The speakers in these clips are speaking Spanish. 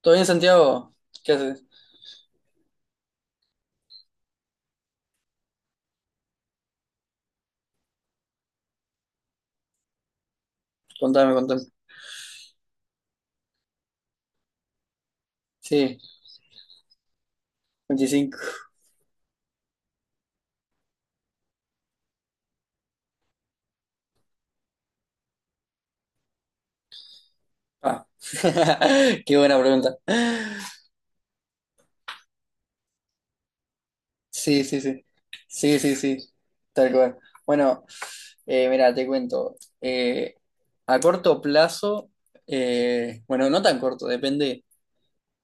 ¿Todo bien, Santiago? ¿Qué haces? Contame, contame. Sí, 25. Ah. Qué buena pregunta. Sí, sí, sí. Sí, sí, sí. Tal cual. Bueno, mira, te cuento. Eh, a corto plazo, bueno, no tan corto, depende,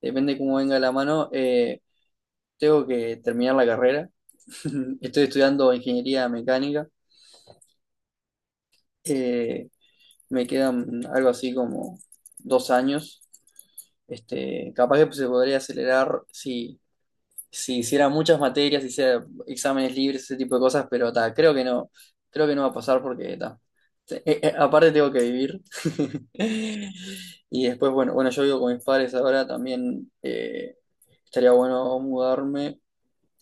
depende cómo venga la mano. Tengo que terminar la carrera. Estoy estudiando ingeniería mecánica. Eh, Me quedan algo así como 2 años. Este, capaz que se podría acelerar si hiciera muchas materias, si hiciera exámenes libres, ese tipo de cosas, pero ta, creo que no, va a pasar porque ta, aparte tengo que vivir. Y después, bueno, yo vivo con mis padres ahora, también estaría bueno mudarme.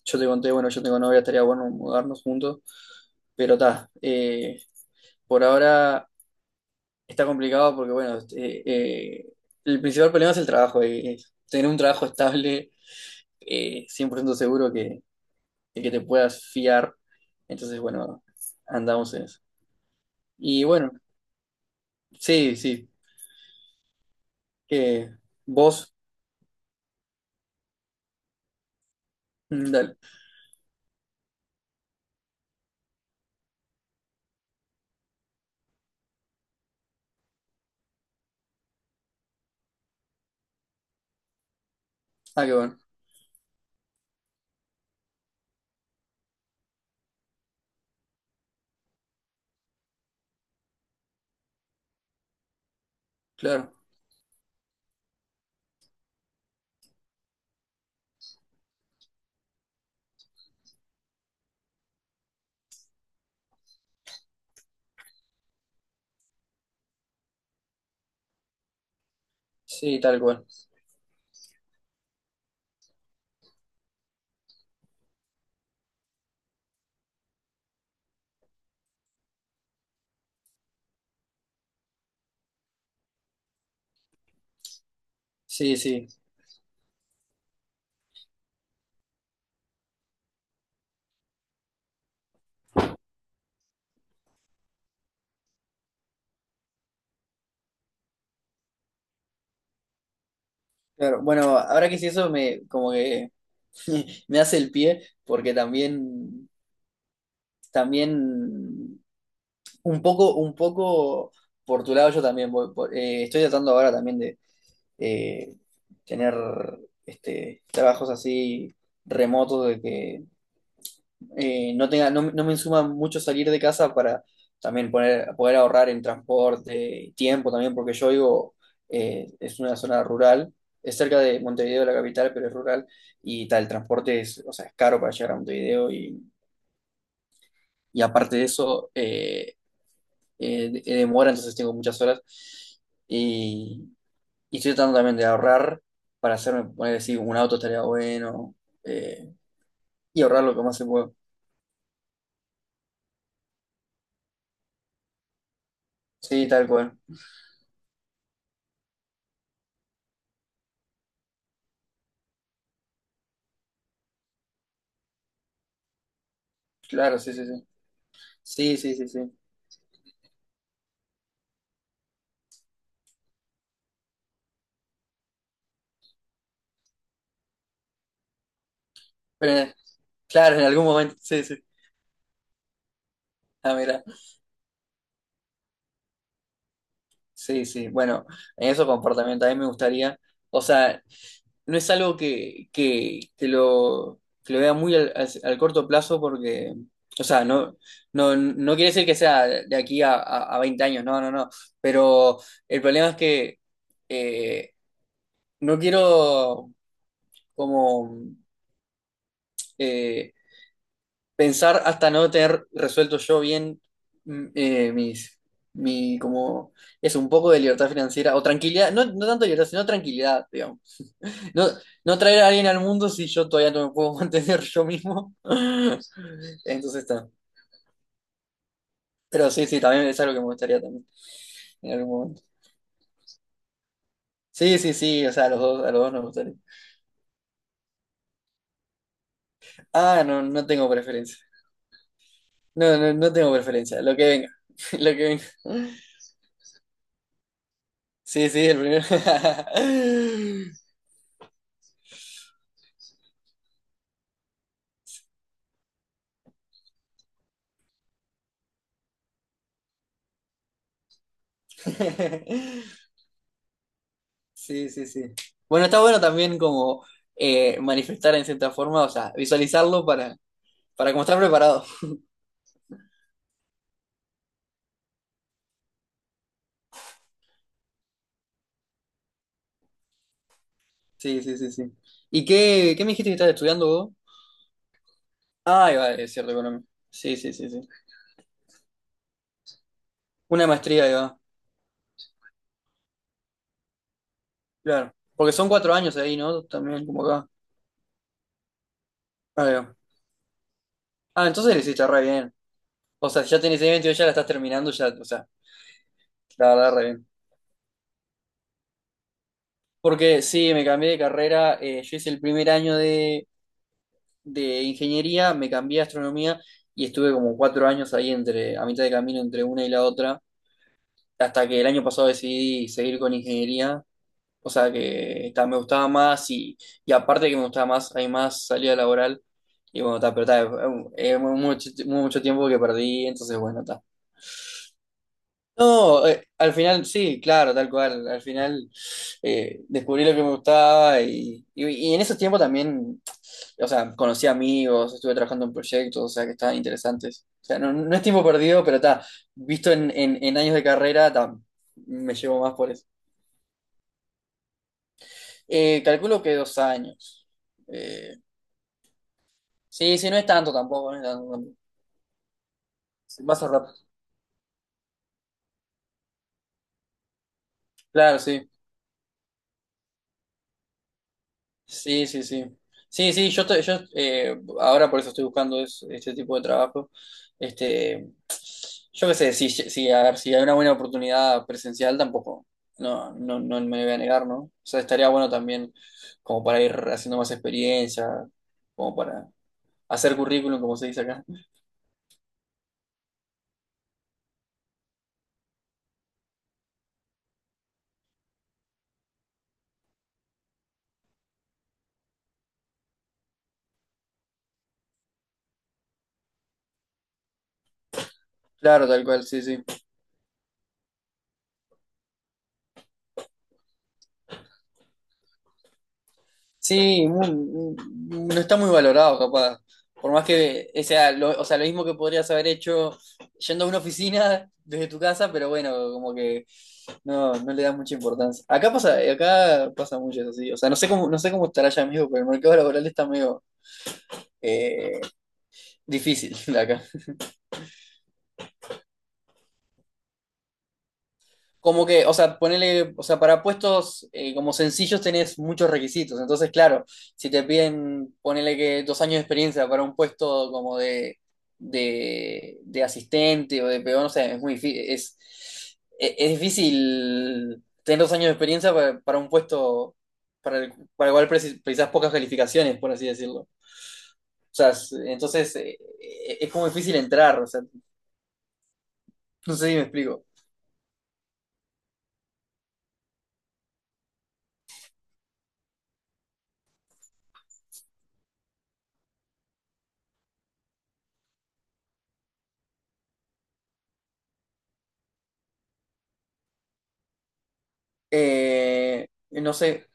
Yo te conté, bueno, yo tengo novia, estaría bueno mudarnos juntos, pero ta, por ahora está complicado porque, bueno, eh, el principal problema es el trabajo, y es tener un trabajo estable 100% seguro, de que te puedas fiar. Entonces, bueno, andamos en eso. Y bueno, sí, sí. Que vos, mm, dale. Ah, qué bueno. Claro. Sí, tal cual. Sí, sí. Claro. Bueno, ahora que sí eso me como que me hace el pie, porque también, un poco por tu lado yo también estoy tratando ahora también de, eh, tener trabajos así remotos de que no tenga, no, no me insuma mucho salir de casa para también poder ahorrar en transporte y tiempo también, porque yo digo, es una zona rural, es cerca de Montevideo, la capital, pero es rural, y tal, el transporte es, o sea, es caro para llegar a Montevideo, y aparte de eso, demora, entonces tengo muchas horas. Y, Y estoy tratando también de ahorrar para hacerme, poner decir, un auto estaría bueno. eh, y ahorrar lo que más se pueda. Sí, tal cual. Claro, sí, sí, sí. Sí, sí, sí, sí. Pero, claro, en algún momento. Sí, sí. Ah, mira. Sí, sí. Bueno, en eso comportamiento a mí me gustaría. O sea, no es algo que, que lo vea muy al corto plazo porque. O sea, no, no, no quiere decir que sea de aquí a, a 20 años, no, no, no. Pero el problema es que eh, no quiero como eh, pensar hasta no tener resuelto yo bien, mm, eh, mis, mi como es un poco de libertad financiera o tranquilidad, no, no tanto libertad, sino tranquilidad, digamos. No, no traer a alguien al mundo si yo todavía no me puedo mantener yo mismo. Entonces está. Pero sí, sí, también es algo que me gustaría también en algún momento. Sí, sí, sí, o sea, a los dos nos gustaría. Ah, no, no tengo preferencia. No, no, no tengo preferencia. Lo que venga. Lo que venga. Sí, sí, el primero. Sí, sí, sí. Bueno, está bueno también como manifestar en cierta forma, o sea, visualizarlo para, como estar preparado. Sí, sí, sí, sí. ¿Y qué me dijiste que estás estudiando vos? Ah, ahí va, es cierto, Colombia. Sí, sí, sí, sí. Una maestría, ahí va. Claro. Porque son 4 años ahí, ¿no? También como acá. Ahí va. Ah, entonces le hiciste re bien. O sea, si ya tenés 22, ya la estás terminando, ya, o sea, la verdad, re bien. Porque sí, me cambié de carrera, yo hice el primer año de ingeniería, me cambié a astronomía y estuve como 4 años ahí entre, a mitad de camino entre una y la otra, hasta que el año pasado decidí seguir con ingeniería, o sea que ta, me gustaba más, y aparte de que me gustaba más, hay más salida laboral y bueno, ta, pero ta, es mucho, mucho tiempo que perdí, entonces bueno, está. No, al final sí, claro, tal cual. Al final descubrí lo que me gustaba, y en esos tiempos también, o sea, conocí amigos, estuve trabajando en proyectos, o sea, que estaban interesantes. O sea, no, no es tiempo perdido, pero está, visto en años de carrera, ta, me llevo más por eso. Calculo que 2 años. Eh, sí, sí, no es tanto tampoco, no es tanto tampoco. Pasa rápido. Claro, sí. Sí, sí, sí. Sí, sí, yo, ahora por eso estoy buscando este tipo de trabajo. Este, yo qué sé, si, a ver, si hay una buena oportunidad presencial, tampoco, no, no, no me voy a negar, ¿no? O sea, estaría bueno también como para ir haciendo más experiencia, como para hacer currículum, como se dice acá. Claro, tal cual, sí, sí. Sí, no está muy valorado, capaz. Por más que o sea lo mismo que podrías haber hecho yendo a una oficina desde tu casa, pero bueno, como que no, no le das mucha importancia. Acá pasa mucho eso, sí. O sea, no sé cómo, no sé cómo estará allá, amigo, pero el mercado laboral está medio eh, difícil acá. Como que, o sea, ponele, o sea, para puestos como sencillos tenés muchos requisitos. Entonces, claro, si te piden, ponele que 2 años de experiencia para un puesto como de, de asistente o de peón, o sea, es es difícil tener 2 años de experiencia para, un puesto para el cual precisas pocas calificaciones, por así decirlo. O sea, es como difícil entrar, o sea, no sé si me explico. Eh, no sé,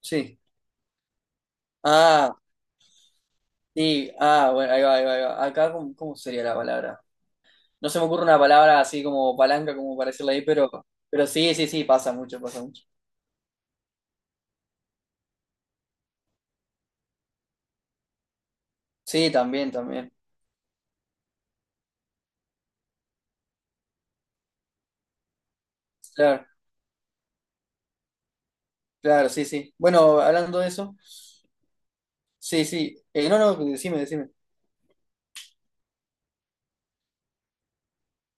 sí. Ah. Sí, ah, bueno, ahí va, ahí va, ahí va. Acá, ¿cómo, sería la palabra? No se me ocurre una palabra así como palanca, como para decirla ahí, pero, sí, sí, sí, pasa mucho, pasa mucho. Sí, también, también. Claro, claro, sí, sí. Bueno, hablando de eso, sí, sí. No, no, decime, decime.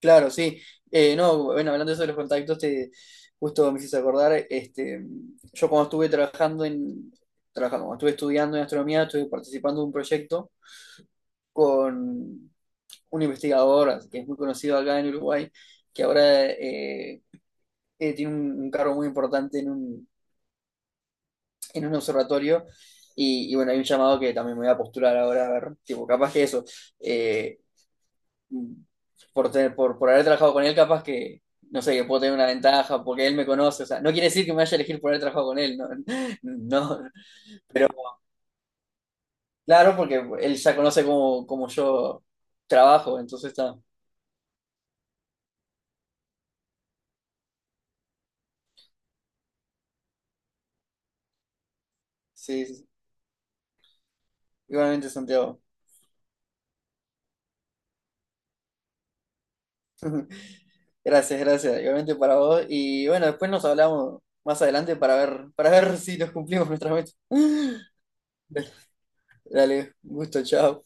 Claro, sí. No, bueno, hablando de eso de los contactos, te, justo me hiciste acordar, yo cuando estuve cuando estuve estudiando en astronomía, estuve participando de un proyecto con un investigador que es muy conocido acá en Uruguay, que ahora tiene un, cargo muy importante en un observatorio. Y bueno, hay un llamado que también me voy a postular ahora, a ver, tipo, capaz que eso, eh, por haber trabajado con él, capaz que, no sé, que puedo tener una ventaja porque él me conoce, o sea, no quiere decir que me vaya a elegir por haber trabajado con él, no, no, pero claro, porque él ya conoce cómo, yo trabajo, entonces está, sí, sí, sí. Igualmente Santiago. Gracias, gracias. Igualmente para vos. Y bueno, después nos hablamos más adelante para ver, si nos cumplimos nuestra meta. Dale, un gusto, chao.